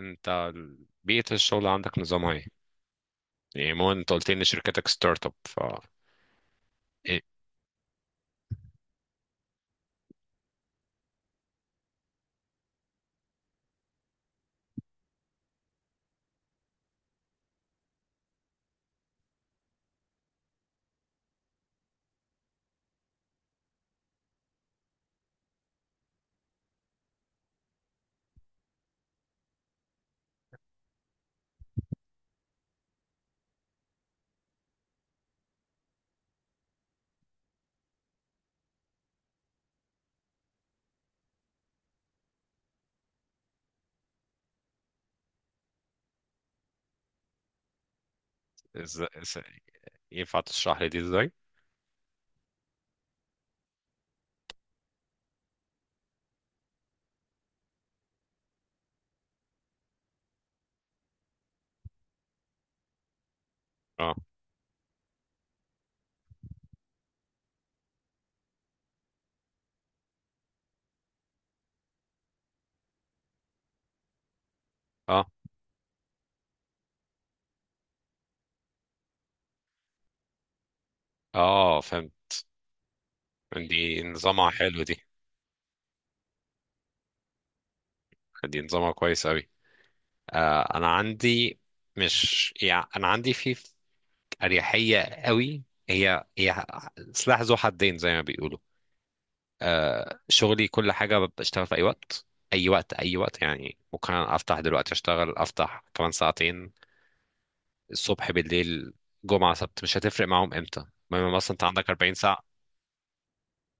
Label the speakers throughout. Speaker 1: انت بيئة الشغل عندك نظامها ايه؟ يعني مو انت قلت لي ان شركتك ستارت اب. ايه. إز... إز... ينفع تشرح لي دي ازاي؟ اه، اه، اه، فهمت. دي نظامها حلو دي. دي نظامها كويس اوي. انا عندي، مش يعني انا عندي في اريحيه قوي. هي هي سلاح ذو حدين زي ما بيقولوا. شغلي كل حاجه بشتغل في اي وقت، اي وقت اي وقت، يعني ممكن افتح دلوقتي اشتغل، افتح كمان ساعتين، الصبح بالليل، جمعه سبت مش هتفرق معاهم امتى. المهم مثلا انت عندك 40 ساعه،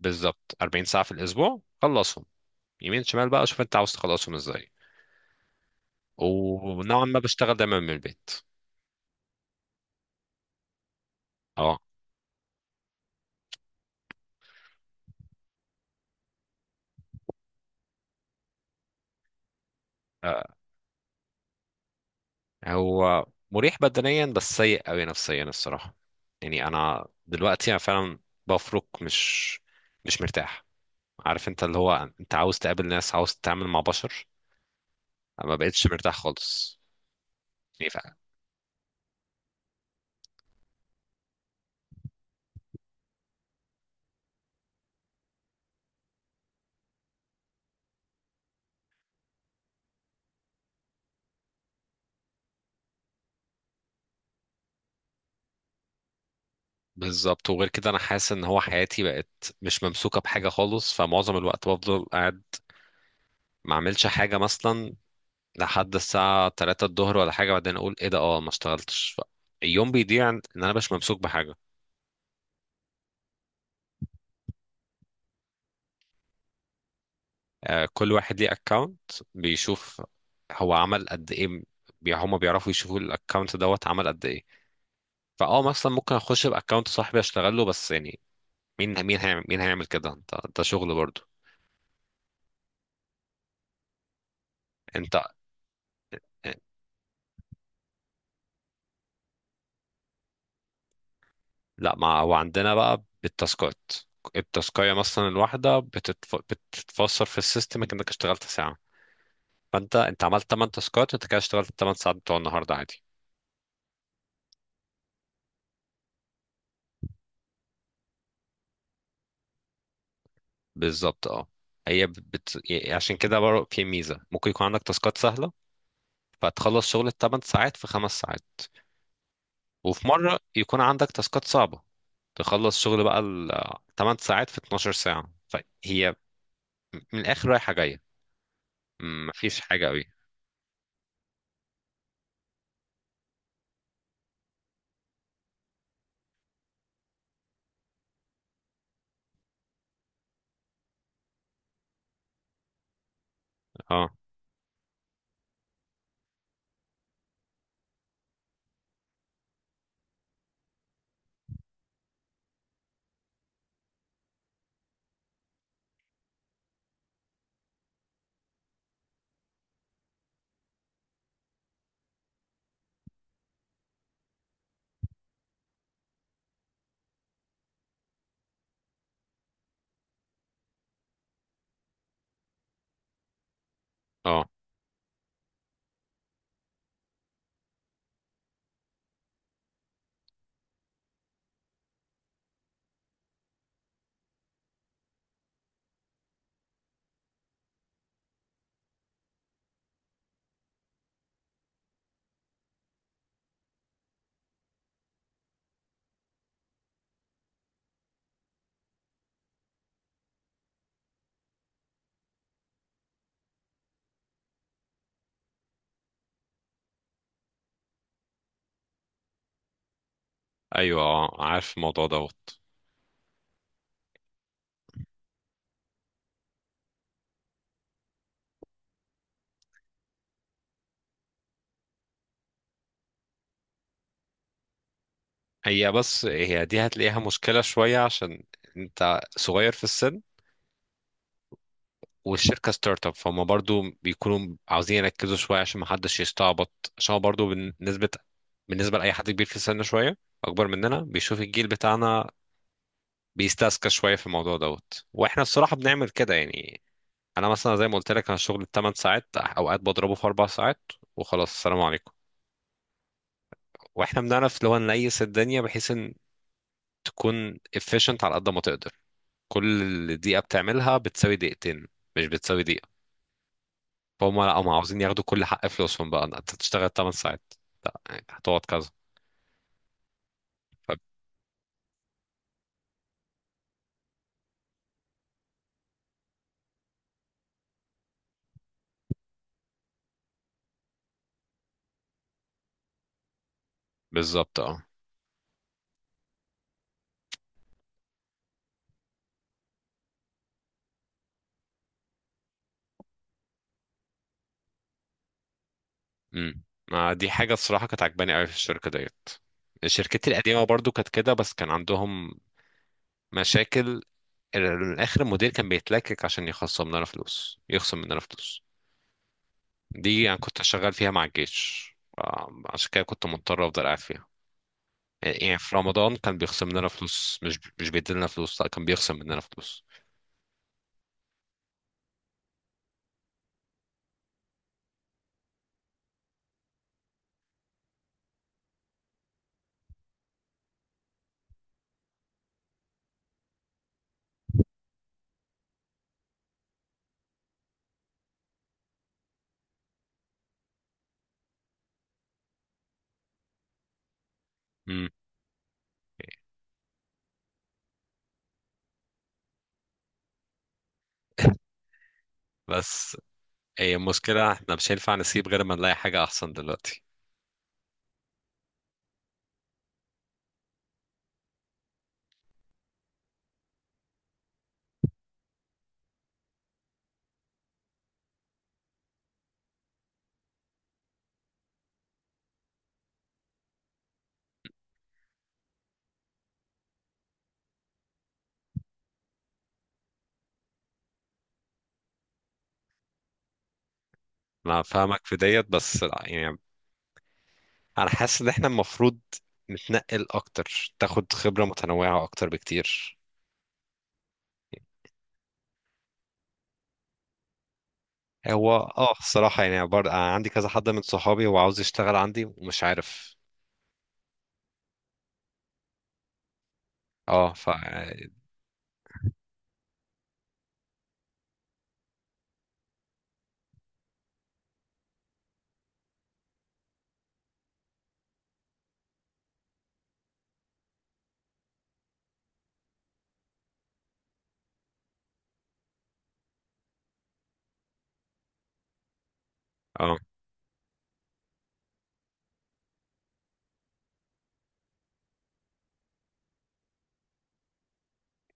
Speaker 1: بالظبط 40 ساعه في الاسبوع، خلصهم يمين شمال بقى، شوف انت عاوز تخلصهم ازاي. ونوعا ما بشتغل دايما من البيت. اه. آه، هو مريح بدنيا بس سيء قوي نفسيا الصراحة. يعني انا دلوقتي، انا فعلا بفرك، مش مرتاح. عارف انت اللي هو انت عاوز تقابل ناس، عاوز تتعامل مع بشر. انا ما بقتش مرتاح خالص. يعني بالظبط، وغير كده انا حاسس ان هو حياتي بقت مش ممسوكة بحاجة خالص، فمعظم الوقت بفضل قاعد ما اعملش حاجة مثلا لحد الساعة 3 الظهر ولا حاجة، بعدين اقول ايه ده، اه ما اشتغلتش، اليوم بيضيع ان انا مش ممسوك بحاجة. كل واحد ليه اكونت، بيشوف هو عمل قد ايه. هما بيعرفوا يشوفوا الاكونت دوت عمل قد ايه. فاه مثلا ممكن اخش باكونت صاحبي اشتغل له، بس يعني مين مين هيعمل، مين هيعمل كده؟ انت، ده شغل برضو. انت. لا ما هو عندنا بقى بالتاسكات. التاسكايه مثلا الواحده بتتفسر في السيستم انك اشتغلت ساعه، فانت عملت 8 تاسكات، انت كده اشتغلت 8 ساعات بتوع النهارده عادي. بالظبط، اه. هي بت... بت- عشان كده برضه في ميزه، ممكن يكون عندك تاسكات سهله فتخلص شغل 8 ساعات في 5 ساعات، وفي مرة يكون عندك تاسكات صعبة تخلص شغل بقى 8 ساعات في 12 ساعة. فهي من الآخر رايحة جاية، مفيش حاجة قوي. اه، اه، ايوه، اه، عارف الموضوع دوت. هي، بس هي دي هتلاقيها مشكلة شوية، عشان انت صغير في السن والشركة ستارت اب، فهم برضو بيكونوا عاوزين يركزوا شوية عشان محدش يستعبط، عشان هو برضو بالنسبة لأي حد كبير في السن شوية، أكبر مننا، بيشوف الجيل بتاعنا بيستسكى شويه في الموضوع دوت. واحنا الصراحه بنعمل كده يعني، انا مثلا زي ما قلت لك انا شغل 8 ساعات اوقات بضربه في 4 ساعات وخلاص السلام عليكم. واحنا بنعرف اللي هو نليس الدنيا بحيث ان تكون efficient على قد ما تقدر، كل دقيقه بتعملها بتساوي دقيقتين، مش بتساوي دقيقه. فهم لا، هم عاوزين ياخدوا كل حق فلوسهم، بقى انت تشتغل 8 ساعات، لا يعني هتقعد كذا. ف- بالظبط، اه. امم ما دي حاجه الصراحه كانت عجباني قوي في الشركه ديت، شركتي القديمه برضو كانت كده، بس كان عندهم مشاكل. ال- الاخر المدير كان بيتلكك عشان يخصم لنا فلوس، يخصم مننا فلوس. دي يعني كنت شغال فيها مع الجيش، عشان كده كنت مضطر افضل قاعد فيها. يعني في رمضان كان بيخصم لنا فلوس، مش بيديلنا فلوس، لا كان بيخصم مننا فلوس. مم. بس هي المشكلة احنا مش هينفع نسيب غير ما نلاقي حاجة أحسن دلوقتي. أنا فاهمك في ديت، بس لا، يعني أنا حاسس إن احنا المفروض نتنقل أكتر، تاخد خبرة متنوعة أكتر بكتير. هو اه، الصراحة يعني برضه أنا عندي كذا حد من صحابي هو عاوز يشتغل عندي ومش عارف. اه، اه،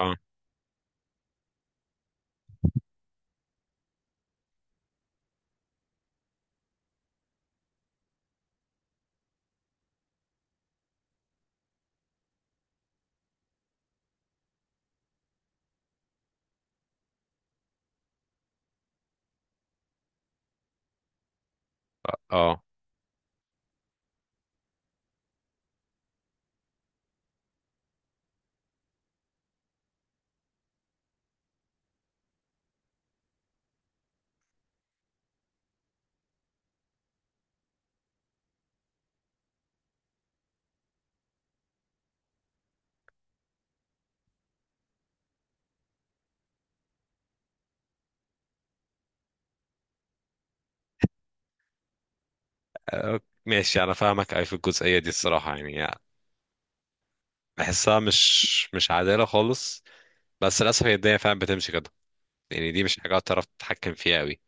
Speaker 1: اه، اه، آه، ماشي انا فاهمك، اي في الجزئية دي الصراحة يعني بحسها مش عادلة خالص، بس للأسف هي الدنيا فعلا بتمشي كده. يعني دي مش حاجة تعرف تتحكم فيها قوي.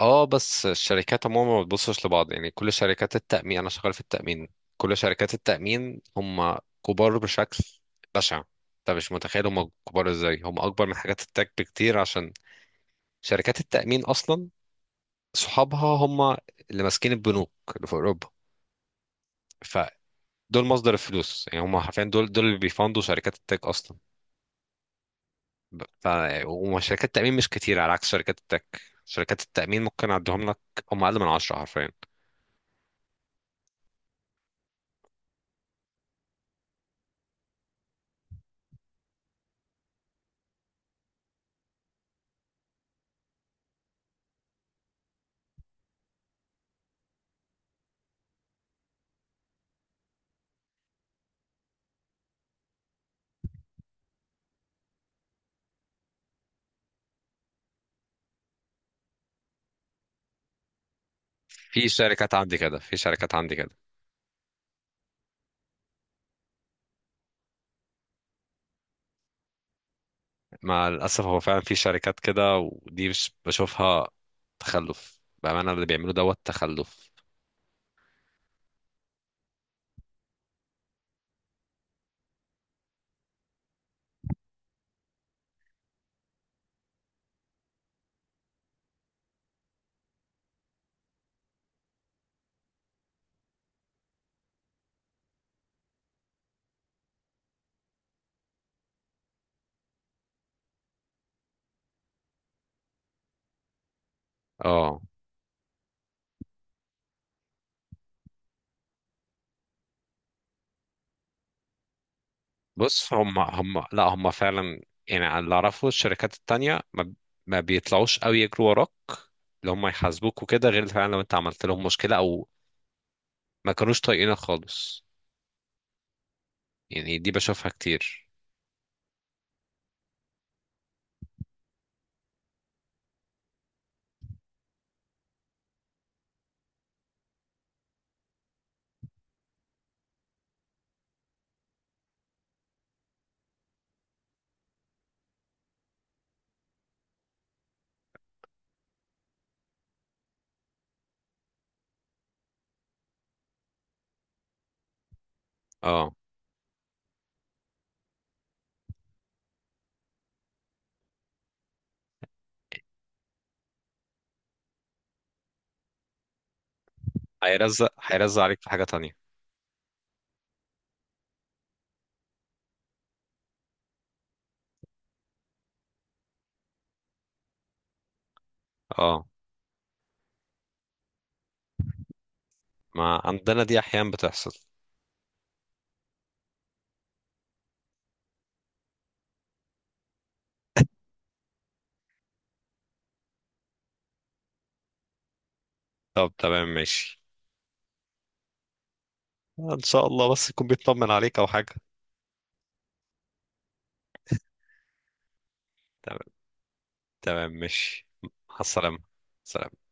Speaker 1: اه، بس الشركات عموما ما بتبصش لبعض، يعني كل شركات التأمين، أنا شغال في التأمين، كل شركات التأمين هم كبار بشكل بشع. انت مش متخيل هم كبار ازاي، هم اكبر من حاجات التك بكتير، عشان شركات التأمين أصلا صحابها هم اللي ماسكين البنوك اللي في أوروبا. فدول مصدر الفلوس، يعني هم حرفيا دول دول اللي بيفندوا شركات التك أصلا. ب- ف وشركات التأمين مش كتير، على عكس شركات التك. شركات التأمين ممكن أعدهم لك، هم أقل من 10 حرفيا. في شركات عندي كده، في شركات عندي كده. مع الأسف هو فعلا في شركات كده، ودي مش بشوفها، تخلف بأمانة، اللي بيعملوا دوت تخلف. اه، بص، هم لا، هم فعلا يعني، على اللي اعرفه الشركات التانية ما بيطلعوش قوي يجروا وراك، اللي هم يحاسبوك وكده، غير فعلا لو انت عملت لهم مشكلة او ما كانوش طايقينك خالص. يعني دي بشوفها كتير. اه، هيرزق هيرزق عليك في حاجة تانية. اه، ما عندنا دي احيانا بتحصل. طب تمام ماشي. ان شاء الله بس يكون بيطمن عليك او حاجة. تمام، تمام، ماشي. مع السلامة. سلام.